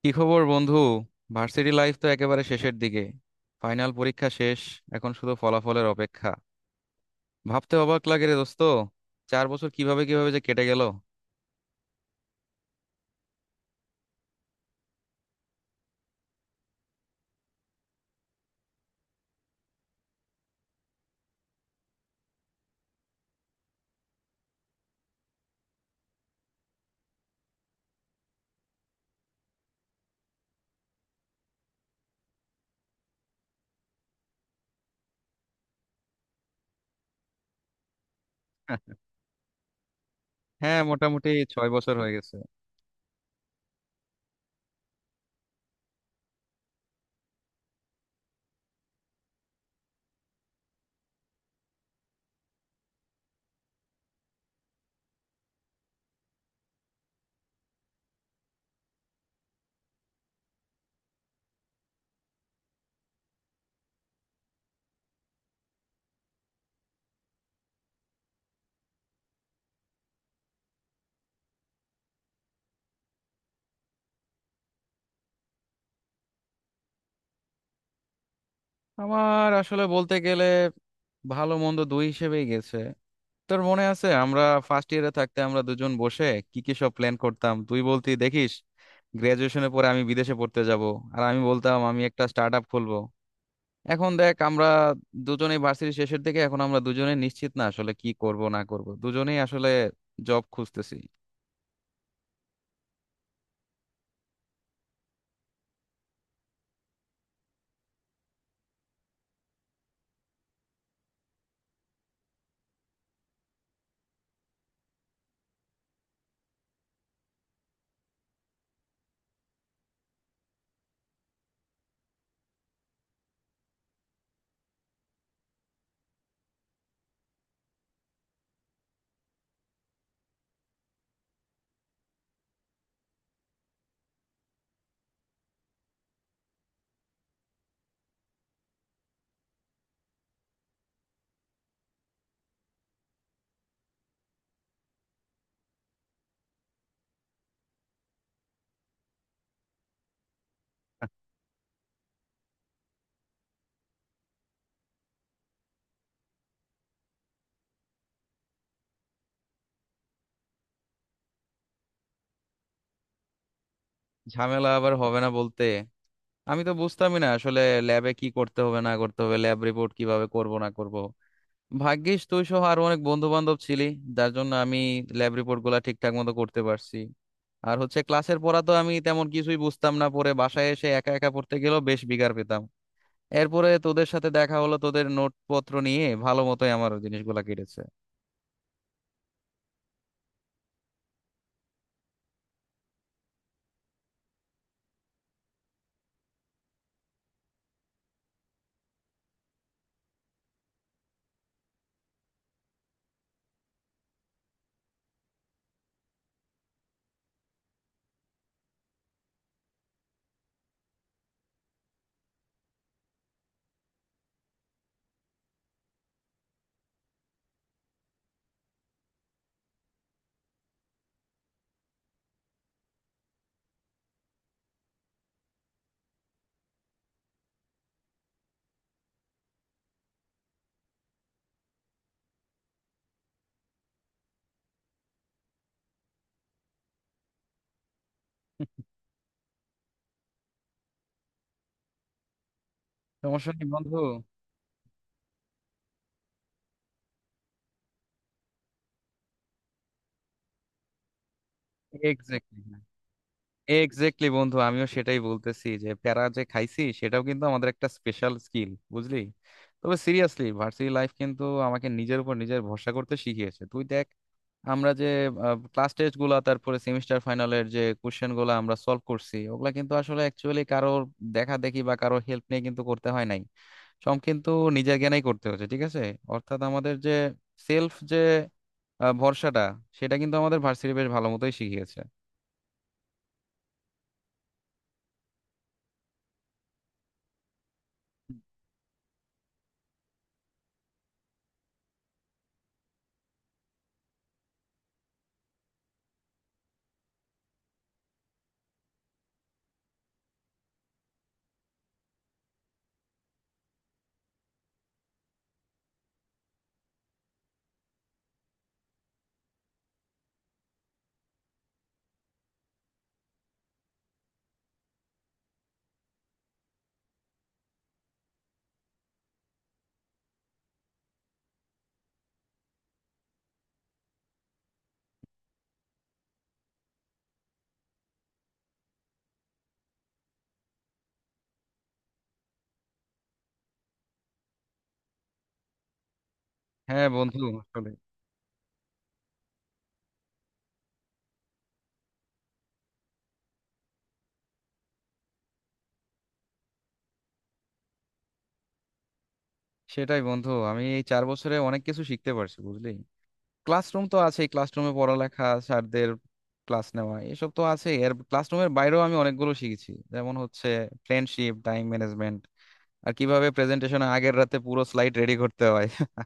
কি খবর বন্ধু? ভার্সিটি লাইফ তো একেবারে শেষের দিকে। ফাইনাল পরীক্ষা শেষ। এখন শুধু ফলাফলের অপেক্ষা। ভাবতে অবাক লাগে রে দোস্ত, 4 বছর কিভাবে কিভাবে যে কেটে গেল। হ্যাঁ, মোটামুটি 6 বছর হয়ে গেছে। আমার আসলে বলতে গেলে ভালো মন্দ দুই হিসেবেই গেছে। তোর মনে আছে, আমরা ফার্স্ট ইয়ারে থাকতে আমরা দুজন বসে কি কি সব প্ল্যান করতাম। তুই বলতি, দেখিস গ্রাজুয়েশনের পরে আমি বিদেশে পড়তে যাব, আর আমি বলতাম আমি একটা স্টার্ট আপ খুলবো। এখন দেখ আমরা দুজনেই ভার্সিটি শেষের দিকে, এখন আমরা দুজনেই নিশ্চিত না আসলে কি করব না করব, দুজনেই আসলে জব খুঁজতেছি। ঝামেলা আবার হবে না বলতে! আমি তো বুঝতামই না আসলে ল্যাবে কি করতে হবে না করতে হবে, ল্যাব রিপোর্ট কিভাবে করব না করব। ভাগ্যিস তুই সহ আরো অনেক বন্ধু বান্ধব ছিলি, যার জন্য আমি ল্যাব রিপোর্ট গুলা ঠিকঠাক মতো করতে পারছি। আর হচ্ছে ক্লাসের পড়া তো আমি তেমন কিছুই বুঝতাম না, পরে বাসায় এসে একা একা পড়তে গেলেও বেশ বিগার পেতাম। এরপরে তোদের সাথে দেখা হলো, তোদের নোটপত্র নিয়ে ভালো মতোই আমার জিনিসগুলা কেটেছে। সমস্যা নেই বন্ধু। এক্স্যাক্টলি, এক্স্যাক্টলি বন্ধু, আমিও সেটাই বলতেছি যে প্যারা যে খাইছি সেটাও কিন্তু আমাদের একটা স্পেশাল স্কিল বুঝলি। তবে সিরিয়াসলি ভার্সিটি লাইফ কিন্তু আমাকে নিজের উপর নিজের ভরসা করতে শিখিয়েছে। তুই দেখ, আমরা যে ক্লাস টেস্ট গুলা, তারপরে সেমিস্টার ফাইনালের যে কোশ্চেন গুলা আমরা সলভ করছি, ওগুলা কিন্তু আসলে অ্যাকচুয়ালি কারোর দেখা দেখি বা কারোর হেল্প নিয়ে কিন্তু করতে হয় নাই। সব কিন্তু নিজের জ্ঞানেই করতে হচ্ছে, ঠিক আছে? অর্থাৎ আমাদের যে সেলফ যে ভরসাটা, সেটা কিন্তু আমাদের ভার্সিটি বেশ ভালো মতোই শিখিয়েছে। হ্যাঁ বন্ধু আসলে সেটাই। বন্ধু আমি এই 4 বছরে অনেক কিছু শিখতে পারছি বুঝলি। ক্লাসরুম তো আছেই, ক্লাসরুমে পড়ালেখা, স্যারদের ক্লাস নেওয়া, এসব তো আছে। এর ক্লাসরুমের বাইরেও আমি অনেকগুলো শিখেছি, যেমন হচ্ছে ফ্রেন্ডশিপ, টাইম ম্যানেজমেন্ট, আর কিভাবে প্রেজেন্টেশনের আগের রাতে পুরো স্লাইড রেডি করতে হয়।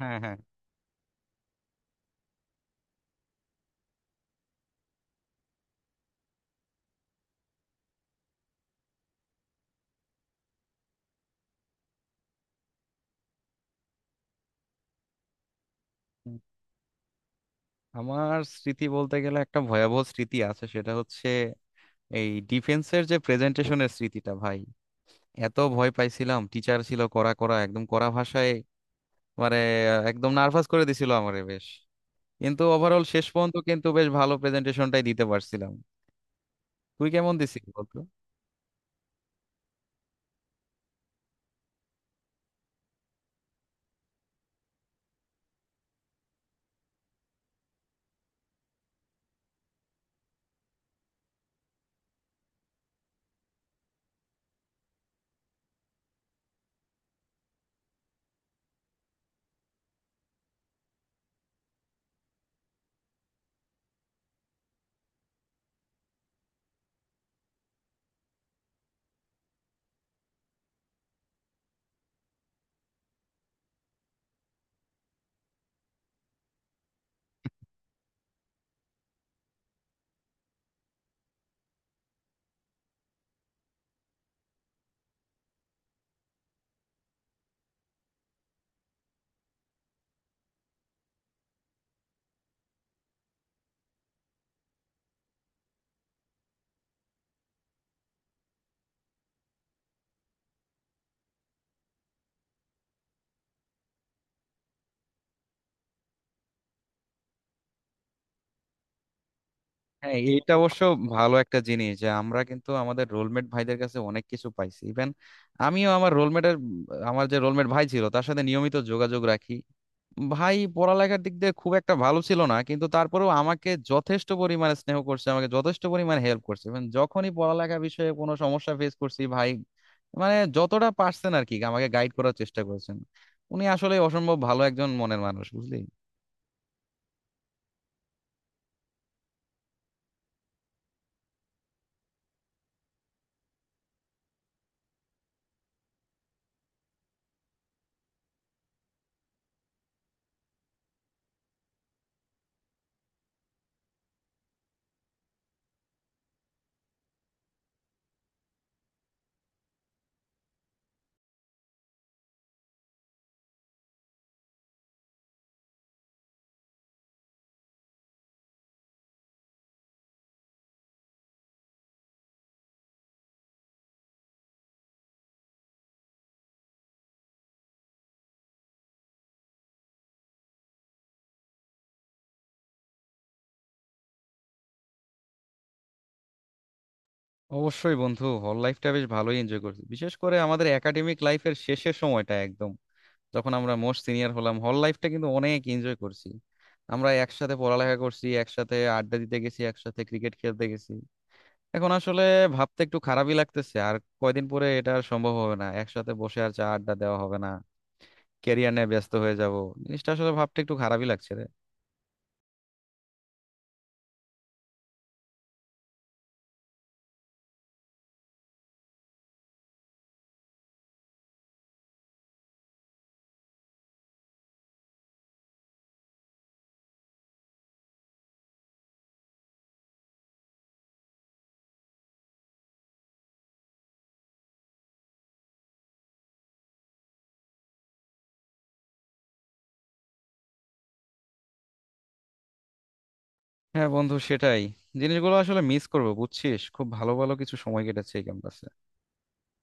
হ্যাঁ, হ্যাঁ, আমার স্মৃতি বলতে গেলে একটা ভয়াবহ স্মৃতি আছে, সেটা হচ্ছে এই ডিফেন্সের যে প্রেজেন্টেশনের স্মৃতিটা ভাই। এত ভয় পাইছিলাম! টিচার ছিল কড়া, কড়া একদম, কড়া ভাষায় মানে একদম নার্ভাস করে দিছিল আমারে বেশ। কিন্তু ওভারঅল শেষ পর্যন্ত কিন্তু বেশ ভালো প্রেজেন্টেশনটাই দিতে পারছিলাম। তুই কেমন দিছিস বলতো? হ্যাঁ, এইটা অবশ্য ভালো একটা জিনিস যে আমরা কিন্তু আমাদের রোলমেট ভাইদের কাছে অনেক কিছু পাইছি। ইভেন আমিও আমার রোলমেটের, আমার যে রোলমেট ভাই ছিল তার সাথে নিয়মিত যোগাযোগ রাখি। ভাই পড়ালেখার দিক দিয়ে খুব একটা ভালো ছিল না, কিন্তু তারপরেও আমাকে যথেষ্ট পরিমাণে স্নেহ করছে, আমাকে যথেষ্ট পরিমাণে হেল্প করছে। মানে যখনই পড়ালেখা বিষয়ে কোনো সমস্যা ফেস করছি ভাই মানে যতটা পারছেন আর কি আমাকে গাইড করার চেষ্টা করেছেন। উনি আসলে অসম্ভব ভালো একজন মনের মানুষ বুঝলি। অবশ্যই বন্ধু, হল লাইফটা বেশ ভালোই এনজয় করছি, বিশেষ করে আমাদের একাডেমিক লাইফের শেষের সময়টা একদম, যখন আমরা মোস্ট সিনিয়র হলাম হল লাইফটা কিন্তু অনেক এনজয় করছি। আমরা একসাথে পড়ালেখা করছি, একসাথে আড্ডা দিতে গেছি, একসাথে ক্রিকেট খেলতে গেছি। এখন আসলে ভাবতে একটু খারাপই লাগতেছে, আর কয়দিন পরে এটা আর সম্ভব হবে না, একসাথে বসে আর চা আড্ডা দেওয়া হবে না, ক্যারিয়ার নিয়ে ব্যস্ত হয়ে যাব। জিনিসটা আসলে ভাবতে একটু খারাপই লাগছে রে। হ্যাঁ বন্ধু সেটাই, জিনিসগুলো আসলে মিস করবো বুঝছিস। খুব ভালো ভালো কিছু সময় কেটেছে এই ক্যাম্পাসে।